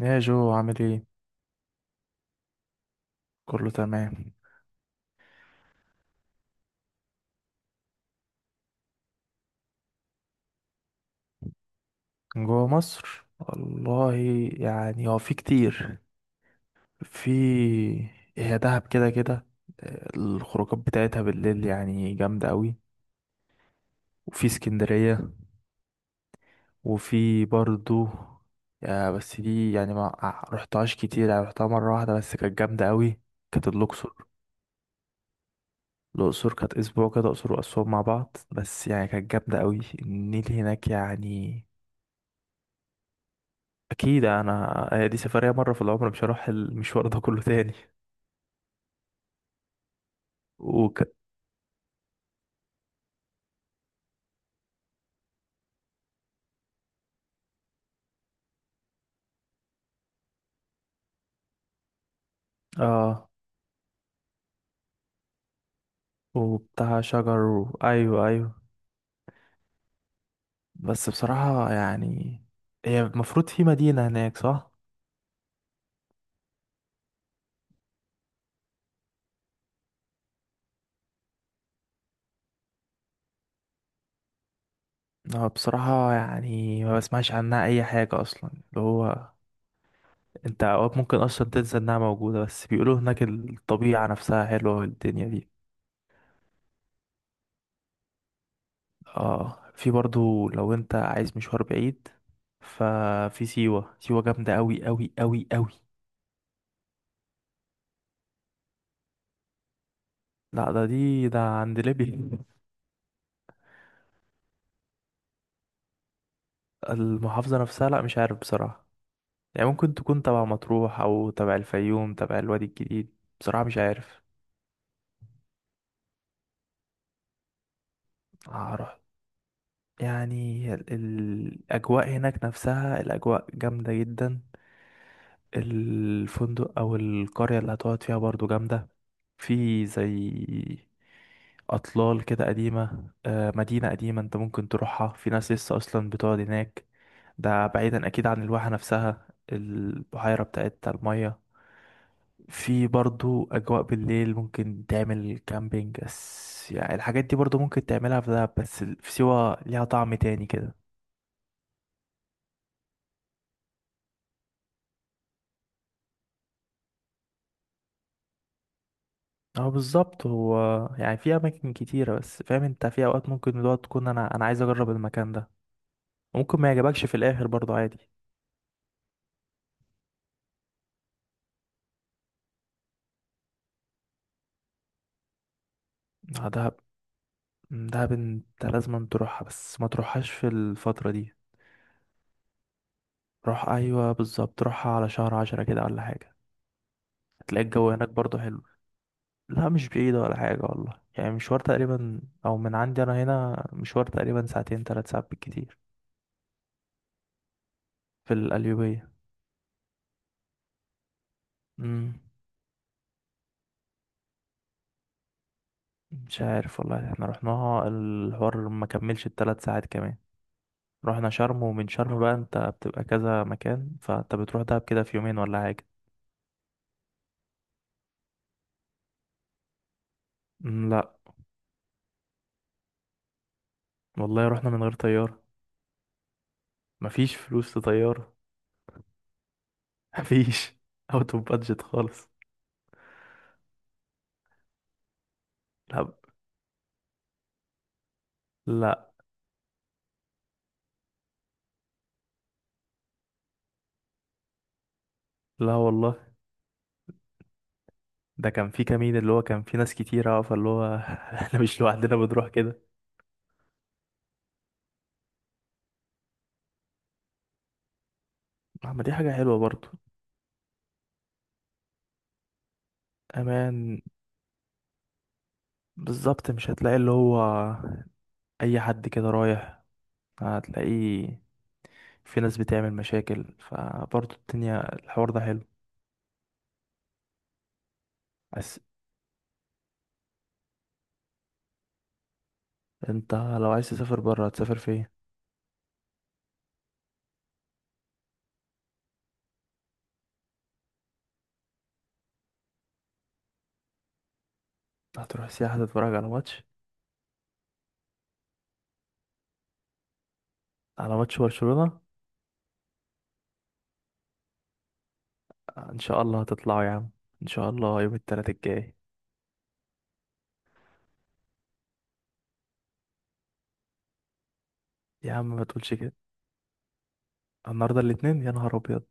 يا جو عامل ايه؟ كله تمام. جوه مصر والله، يعني هو في كتير. في، هي دهب كده كده. الخروجات بتاعتها بالليل يعني جامدة قوي. وفي اسكندرية، وفي برضو. يا بس دي يعني ما ع- رحتهاش كتير، يعني رحتها مرة واحدة بس كانت جامدة قوي. كانت الأقصر. الأقصر كانت أسبوع كده، أقصر وأسوان مع بعض، بس يعني كانت جامدة قوي، النيل هناك يعني. اكيد، انا هي دي سفريه مره في العمر، مش هروح المشوار ده كله تاني. وك... اه، وبتاع شجر ايوه ايوه. بس بصراحه يعني، هي المفروض في مدينه هناك صح. بصراحه يعني ما بسمعش عنها اي حاجه اصلا، اللي هو انت اوقات ممكن اصلا تنسى انها موجوده، بس بيقولوا هناك الطبيعه نفسها حلوه والدنيا دي. اه، في برضو لو انت عايز مشوار بعيد، ففي سيوه. سيوه جامده قوي قوي قوي قوي. لا، ده عند ليبيا. المحافظة نفسها لا مش عارف بصراحة، يعني ممكن تكون تبع مطروح أو تبع الفيوم تبع الوادي الجديد، بصراحة مش عارف. هروح. يعني الأجواء هناك نفسها الأجواء جامدة جدا. الفندق أو القرية اللي هتقعد فيها برضو جامدة. في زي أطلال كده قديمة، مدينة قديمة، أنت ممكن تروحها، في ناس لسه أصلا بتقعد هناك. ده بعيدا اكيد عن الواحة نفسها، البحيرة بتاعت المية. في برضو اجواء بالليل ممكن تعمل كامبينج، بس يعني الحاجات دي برضو ممكن تعملها في دهب، بس في سيوة ليها طعم تاني كده. اه بالظبط هو، يعني في اماكن كتيرة، بس فاهم انت في اوقات ممكن الوقت تكون انا عايز اجرب المكان ده. ممكن ما يعجبكش في الاخر برضو عادي. دهب، دهب انت لازم تروحها، بس ما تروحهاش في الفترة دي. روح، ايوه بالظبط، روحها على شهر 10 كده ولا حاجة. هتلاقي الجو هناك برضو حلو. لا مش بعيدة ولا حاجة والله، يعني مشوار تقريبا، أو من عندي أنا هنا مشوار تقريبا ساعتين 3 ساعات بالكتير. في القليوبية. مم. مش عارف والله، احنا رحناها الحوار ما كملش ال3 ساعات كمان. رحنا شرم، ومن شرم بقى انت بتبقى كذا مكان، فانت بتروح دهب كده في يومين ولا حاجة. مم، لا والله رحنا من غير طيارة. مفيش فلوس لطيارة. مفيش. اوت اوف بادجت خالص. لا، لا، لا والله، ده كان في كمين، اللي هو كان في ناس كتيرة، فاللي هو احنا مش لوحدنا بنروح كده. اما دي حاجة حلوة برضو. امان. بالظبط، مش هتلاقي اللي هو اي حد كده رايح هتلاقيه، في ناس بتعمل مشاكل، فبرضو الدنيا الحوار ده حلو. بس انت لو عايز تسافر بره هتسافر فين؟ هتروح سياحة تتفرج على ماتش؟ على ماتش برشلونة؟ ان شاء الله هتطلعوا يا عم. ان شاء الله يوم التلات الجاي. يا عم ما تقولش كده، النهارده الاتنين، يا نهار ابيض.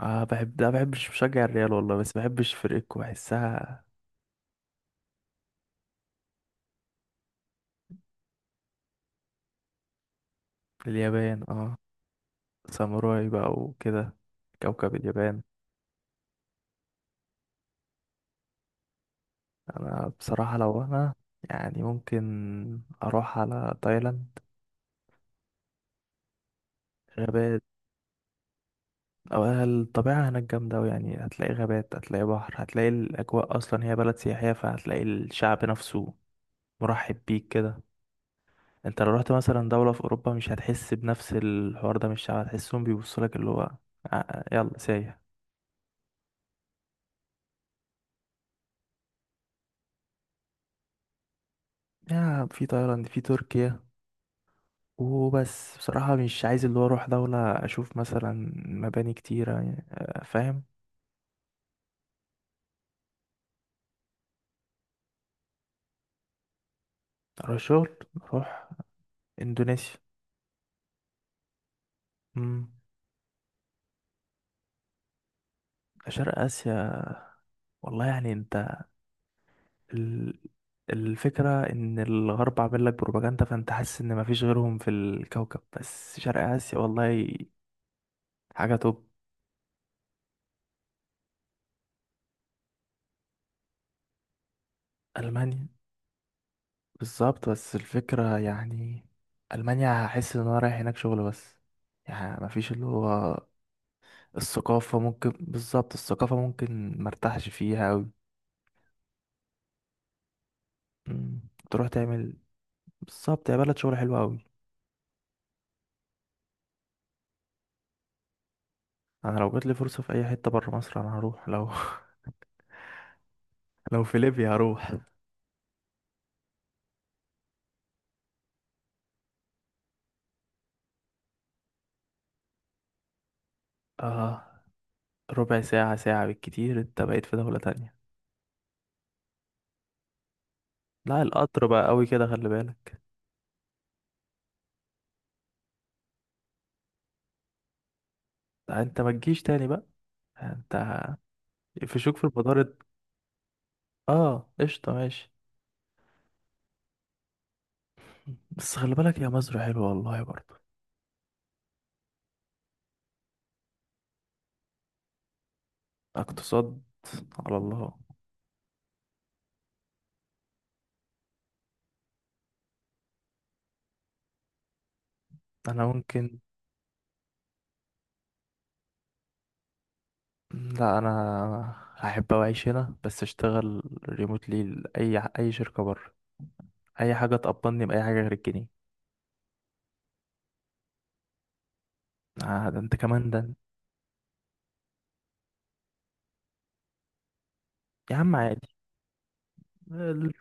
اه بحب، لا بحبش بشجع الريال والله، بس بحبش فرقتكم، بحسها. اليابان، اه. ساموراي بقى وكده، كوكب اليابان. انا بصراحة لو انا، يعني ممكن اروح على تايلاند. غابات، او الطبيعة هناك جامدة أوي، يعني هتلاقي غابات هتلاقي بحر، هتلاقي الاجواء اصلا، هي بلد سياحية، فهتلاقي الشعب نفسه مرحب بيك كده. انت لو رحت مثلا دولة في اوروبا مش هتحس بنفس الحوار ده من الشعب، هتحسهم بيبصوا لك اللي هو يلا سايح. يا في تايلاند في تركيا، وبس بصراحة مش عايز اللي هو أروح دولة أشوف مثلا مباني كتيرة يعني، فاهم. أروح شغل، أروح إندونيسيا. مم. شرق آسيا والله، يعني أنت، ال- الفكرة إن الغرب عامل لك بروباجندا، فأنت حاسس إن مفيش غيرهم في الكوكب، بس شرق آسيا والله حاجة توب. ألمانيا، بالظبط. بس الفكرة يعني ألمانيا هحس إن أنا رايح هناك شغل بس، يعني مفيش اللي هو الثقافة، ممكن بالظبط الثقافة ممكن مرتاحش فيها أوي. مم. تروح تعمل، بالظبط، يا بلد شغل حلو أوي. أنا لو جاتلي فرصة في أي حتة برا مصر أنا هروح، لو لو في ليبيا هروح. اه، ربع ساعة ساعة بالكتير أنت بقيت في دولة تانية. لا القطر بقى أوي كده، خلي بالك. لا، أنت ما تجيش تاني بقى، أنت يقفشوك في المطار. اه قشطة ماشي. بس خلي بالك، يا مصر حلوة والله برضه. اقتصاد، على الله. أنا ممكن، لا انا هحب اعيش هنا بس اشتغل ريموتلي لاي اي شركه بره. اي حاجه تقبضني باي حاجه غير الجنيه. آه ده انت كمان ده. يا عم عادي، ال-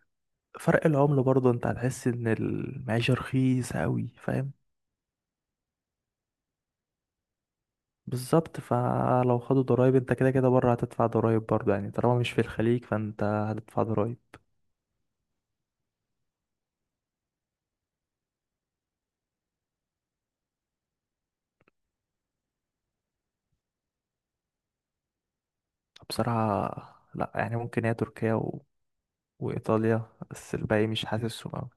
فرق العمله برضه انت هتحس ان المعيشه رخيصه قوي، فاهم. بالظبط، فلو خدوا ضرايب انت كده كده بره هتدفع ضرايب برضه، يعني طالما مش في الخليج فانت هتدفع ضرايب. بصراحه لا، يعني ممكن هي تركيا وايطاليا، بس الباقي مش حاسسهم.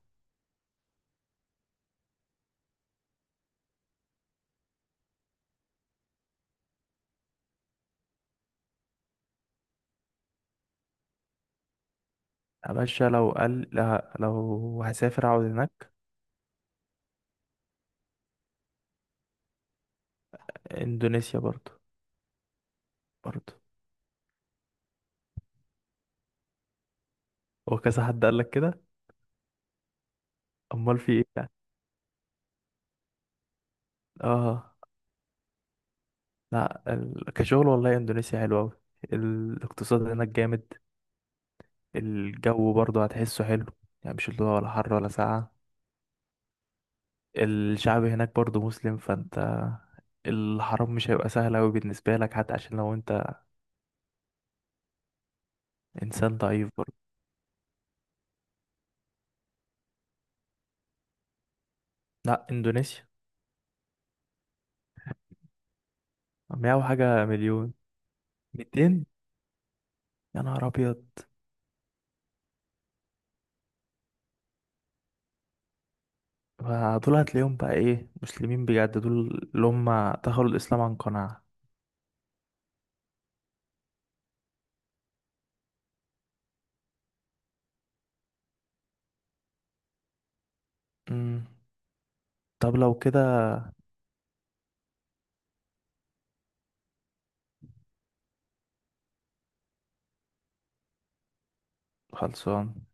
يا باشا لو قال، لا لو هسافر اقعد هناك. اندونيسيا برضو. برضو. هو كذا حد قال لك كده؟ امال في ايه يعني؟ اه. لا ال... كشغل والله اندونيسيا حلوة اوي، الاقتصاد هناك جامد. الجو برضو هتحسه حلو، يعني مش اللي هو ولا حر ولا ساقعة. الشعب هناك برضو مسلم، فانت الحرام مش هيبقى سهل اوي بالنسبة لك، حتى عشان لو انت انسان ضعيف برضو. لا اندونيسيا 100 وحاجة مليون. 200، يا نهار ابيض. فدول هتلاقيهم بقى ايه، مسلمين بجد، دول اللي هم دخلوا الإسلام عن قناعة. مم. طب لو كده، خلصان.